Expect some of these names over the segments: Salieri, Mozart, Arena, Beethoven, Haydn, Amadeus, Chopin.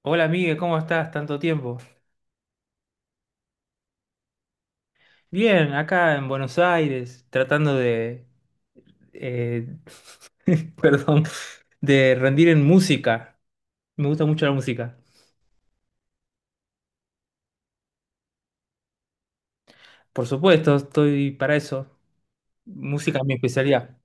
Hola Miguel, ¿cómo estás? Tanto tiempo. Bien, acá en Buenos Aires, tratando de, eh, perdón, de rendir en música. Me gusta mucho la música. Por supuesto, estoy para eso. Música es mi especialidad.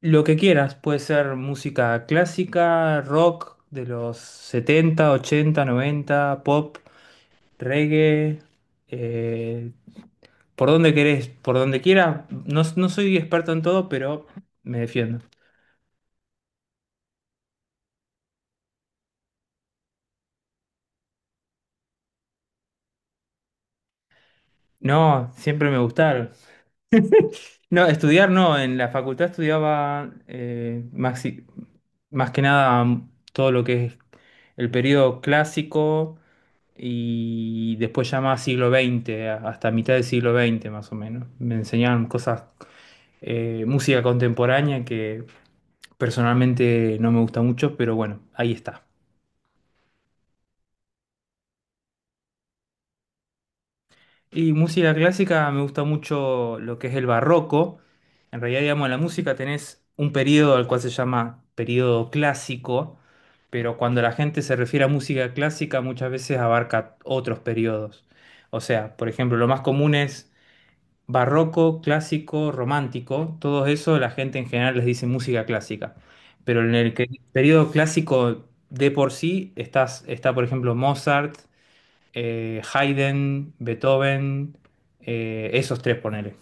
Lo que quieras, puede ser música clásica, rock de los 70, 80, 90, pop, reggae, eh, por donde querés, por donde quieras. No, no soy experto en todo, pero me defiendo. No, siempre me gustaron. No, estudiar no, en la facultad estudiaba más que nada, todo lo que es el periodo clásico y después ya más siglo XX, hasta mitad del siglo XX más o menos. Me enseñaban cosas, música contemporánea que personalmente no me gusta mucho, pero bueno, ahí está. Y música clásica, me gusta mucho lo que es el barroco. En realidad, digamos, en la música tenés un periodo al cual se llama periodo clásico, pero cuando la gente se refiere a música clásica muchas veces abarca otros periodos. O sea, por ejemplo, lo más común es barroco, clásico, romántico. Todo eso la gente en general les dice música clásica. Pero en periodo clásico de por sí está, por ejemplo, Mozart, Haydn, Beethoven, esos tres, ponele.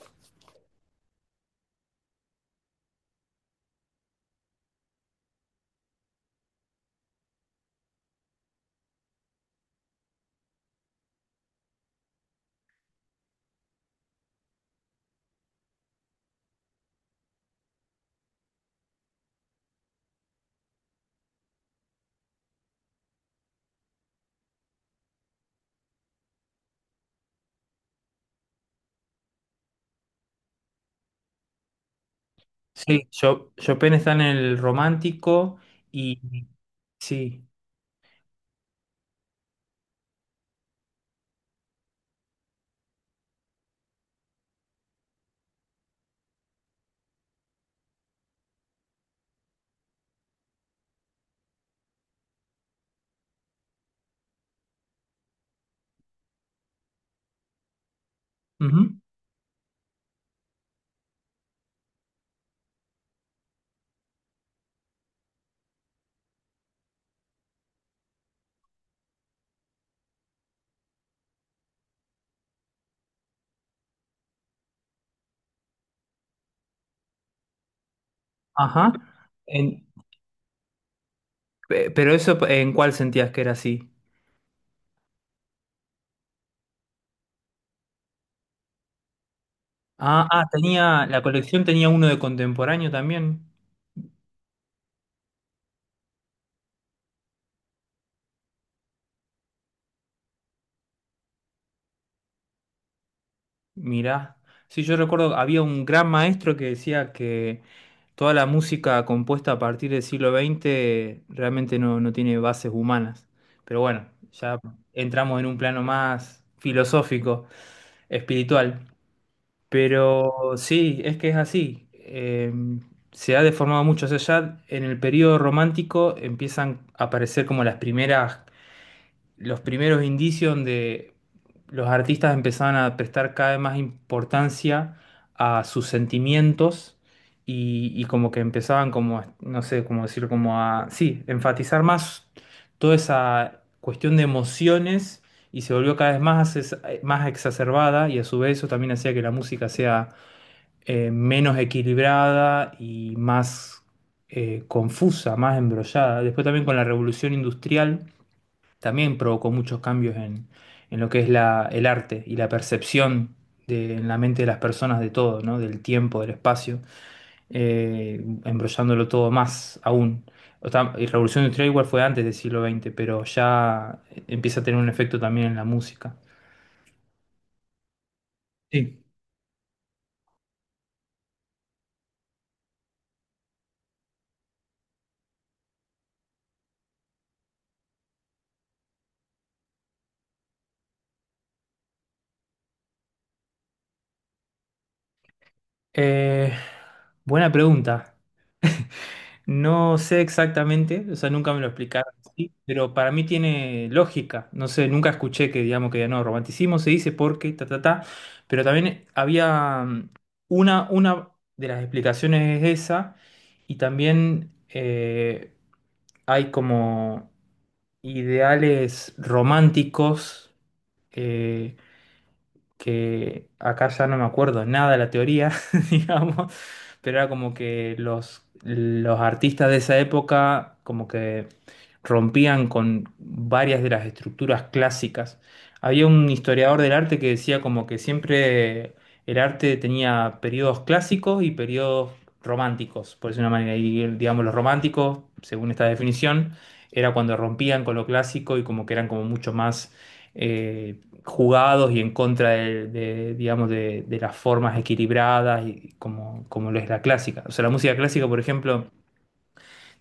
Sí, Chopin está en el romántico. Y sí. Ujú. Ajá. En- pero eso, ¿en cuál sentías que era así? Ah, ah, tenía, la colección tenía uno de contemporáneo también. Mirá, sí, yo recuerdo, había un gran maestro que decía que toda la música compuesta a partir del siglo XX realmente no, no tiene bases humanas. Pero bueno, ya entramos en un plano más filosófico, espiritual. Pero sí, es que es así. Se ha deformado mucho. O sea, ya en el periodo romántico empiezan a aparecer como las primeras los primeros indicios donde los artistas empezaban a prestar cada vez más importancia a sus sentimientos y como que empezaban como, no sé cómo decirlo, como a, sí, enfatizar más toda esa cuestión de emociones, y se volvió cada vez más, más exacerbada, y a su vez eso también hacía que la música sea menos equilibrada y más, confusa, más embrollada. Después también con la revolución industrial, también provocó muchos cambios en lo que es la, el arte y la percepción de, en la mente de las personas de todo, ¿no? Del tiempo, del espacio, embrollándolo todo más aún. O sea, y Revolución Industrial igual fue antes del siglo XX, pero ya empieza a tener un efecto también en la música. Sí. Eh, buena pregunta. No sé exactamente, o sea, nunca me lo explicaron así, pero para mí tiene lógica. No sé, nunca escuché que, digamos, que no, romanticismo se dice porque, ta, ta, ta, pero también había, una de las explicaciones es esa, y también hay como ideales románticos. Eh, que acá ya no me acuerdo nada de la teoría, digamos, pero era como que los artistas de esa época como que rompían con varias de las estructuras clásicas. Había un historiador del arte que decía como que siempre el arte tenía periodos clásicos y periodos románticos, por decirlo de una manera, y digamos los románticos, según esta definición, era cuando rompían con lo clásico y como que eran como mucho más eh, jugados y en contra de, digamos, de las formas equilibradas y como, como lo es la clásica. O sea, la música clásica, por ejemplo,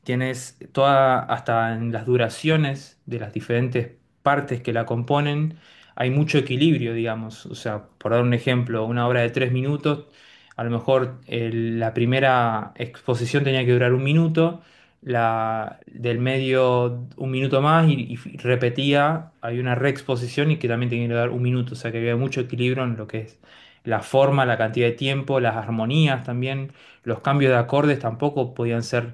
tienes toda, hasta en las duraciones de las diferentes partes que la componen, hay mucho equilibrio, digamos. O sea, por dar un ejemplo, una obra de tres minutos, a lo mejor la primera exposición tenía que durar un minuto, la del medio un minuto más, y repetía, hay una reexposición y que también tenía que durar un minuto. O sea, que había mucho equilibrio en lo que es la forma, la cantidad de tiempo, las armonías también, los cambios de acordes tampoco podían ser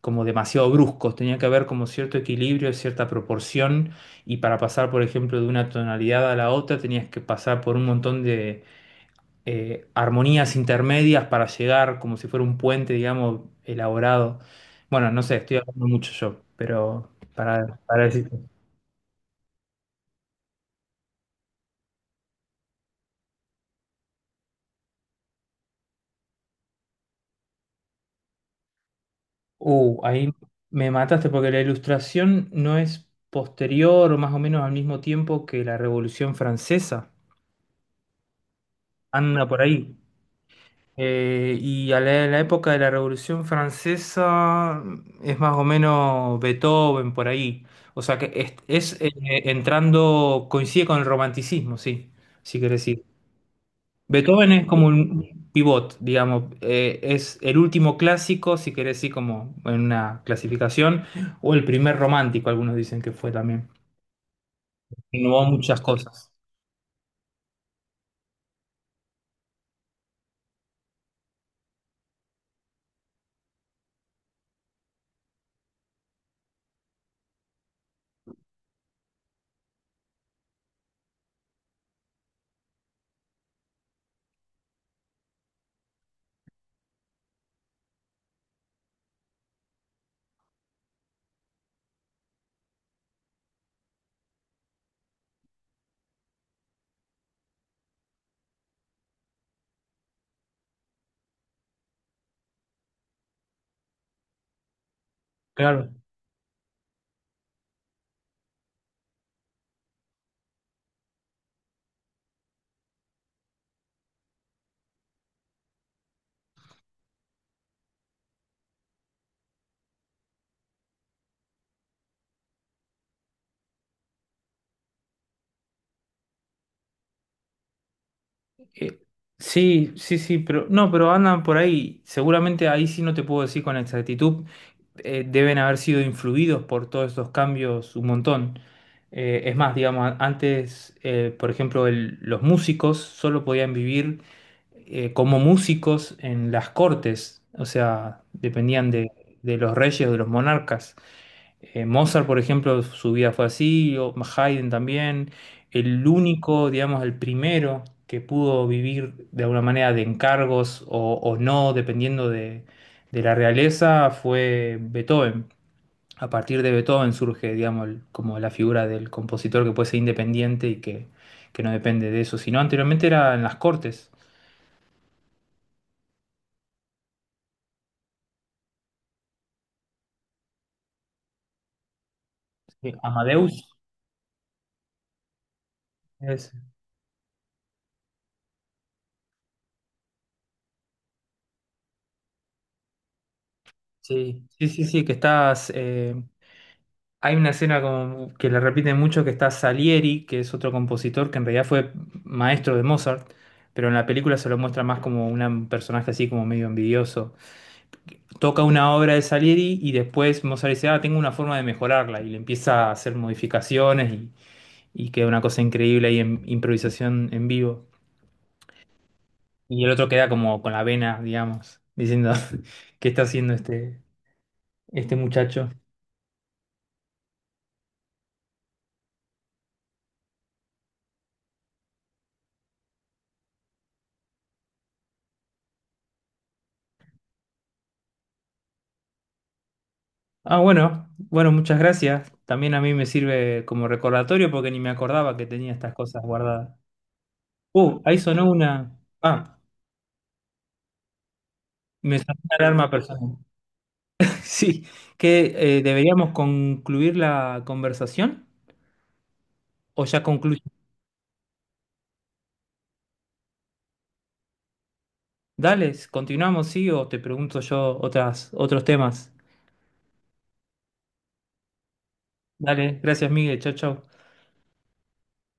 como demasiado bruscos, tenía que haber como cierto equilibrio, cierta proporción, y para pasar, por ejemplo, de una tonalidad a la otra, tenías que pasar por un montón de armonías intermedias para llegar como si fuera un puente, digamos, elaborado. Bueno, no sé, estoy hablando mucho yo, pero para decirte. Ahí me mataste porque la ilustración no es posterior o más o menos al mismo tiempo que la Revolución Francesa. Anda por ahí. Y a la, en la época de la Revolución Francesa, es más o menos Beethoven por ahí. O sea que es, entrando, coincide con el romanticismo, sí, si querés decir. Beethoven es como un pivot, digamos, es el último clásico, si querés decir, como en una clasificación, o el primer romántico, algunos dicen que fue también. Innovó muchas cosas. Claro. Eh, sí, sí, sí, pero no, pero andan por ahí. Seguramente ahí sí no te puedo decir con exactitud. Eh, deben haber sido influidos por todos estos cambios un montón. Es más, digamos, antes, por ejemplo, los músicos solo podían vivir como músicos en las cortes, o sea, dependían de los reyes o de los monarcas. Mozart, por ejemplo, su vida fue así, o Haydn también. El único, digamos, el primero que pudo vivir de alguna manera de encargos o no, dependiendo de la realeza, fue Beethoven. A partir de Beethoven surge, digamos, como la figura del compositor que puede ser independiente y que no depende de eso, sino anteriormente era en las cortes. Sí. Amadeus. es- Sí. Sí, sí, sí, que estás. Hay una escena como que le repiten mucho que está Salieri, que es otro compositor que en realidad fue maestro de Mozart, pero en la película se lo muestra más como un personaje así como medio envidioso. Toca una obra de Salieri y después Mozart dice, ah, tengo una forma de mejorarla, y le empieza a hacer modificaciones, y queda una cosa increíble ahí en improvisación en vivo. Y el otro queda como con la vena, digamos, diciendo, ¿qué está haciendo este, este muchacho? Ah, bueno, bueno, muchas gracias. También a mí me sirve como recordatorio porque ni me acordaba que tenía estas cosas guardadas. Ahí sonó una... Ah, me sonó una alarma personal. Sí, que deberíamos concluir la conversación, o ya concluye. Dale, continuamos, sí, o te pregunto yo otras, otros temas. Dale, gracias, Miguel. Chau, chau.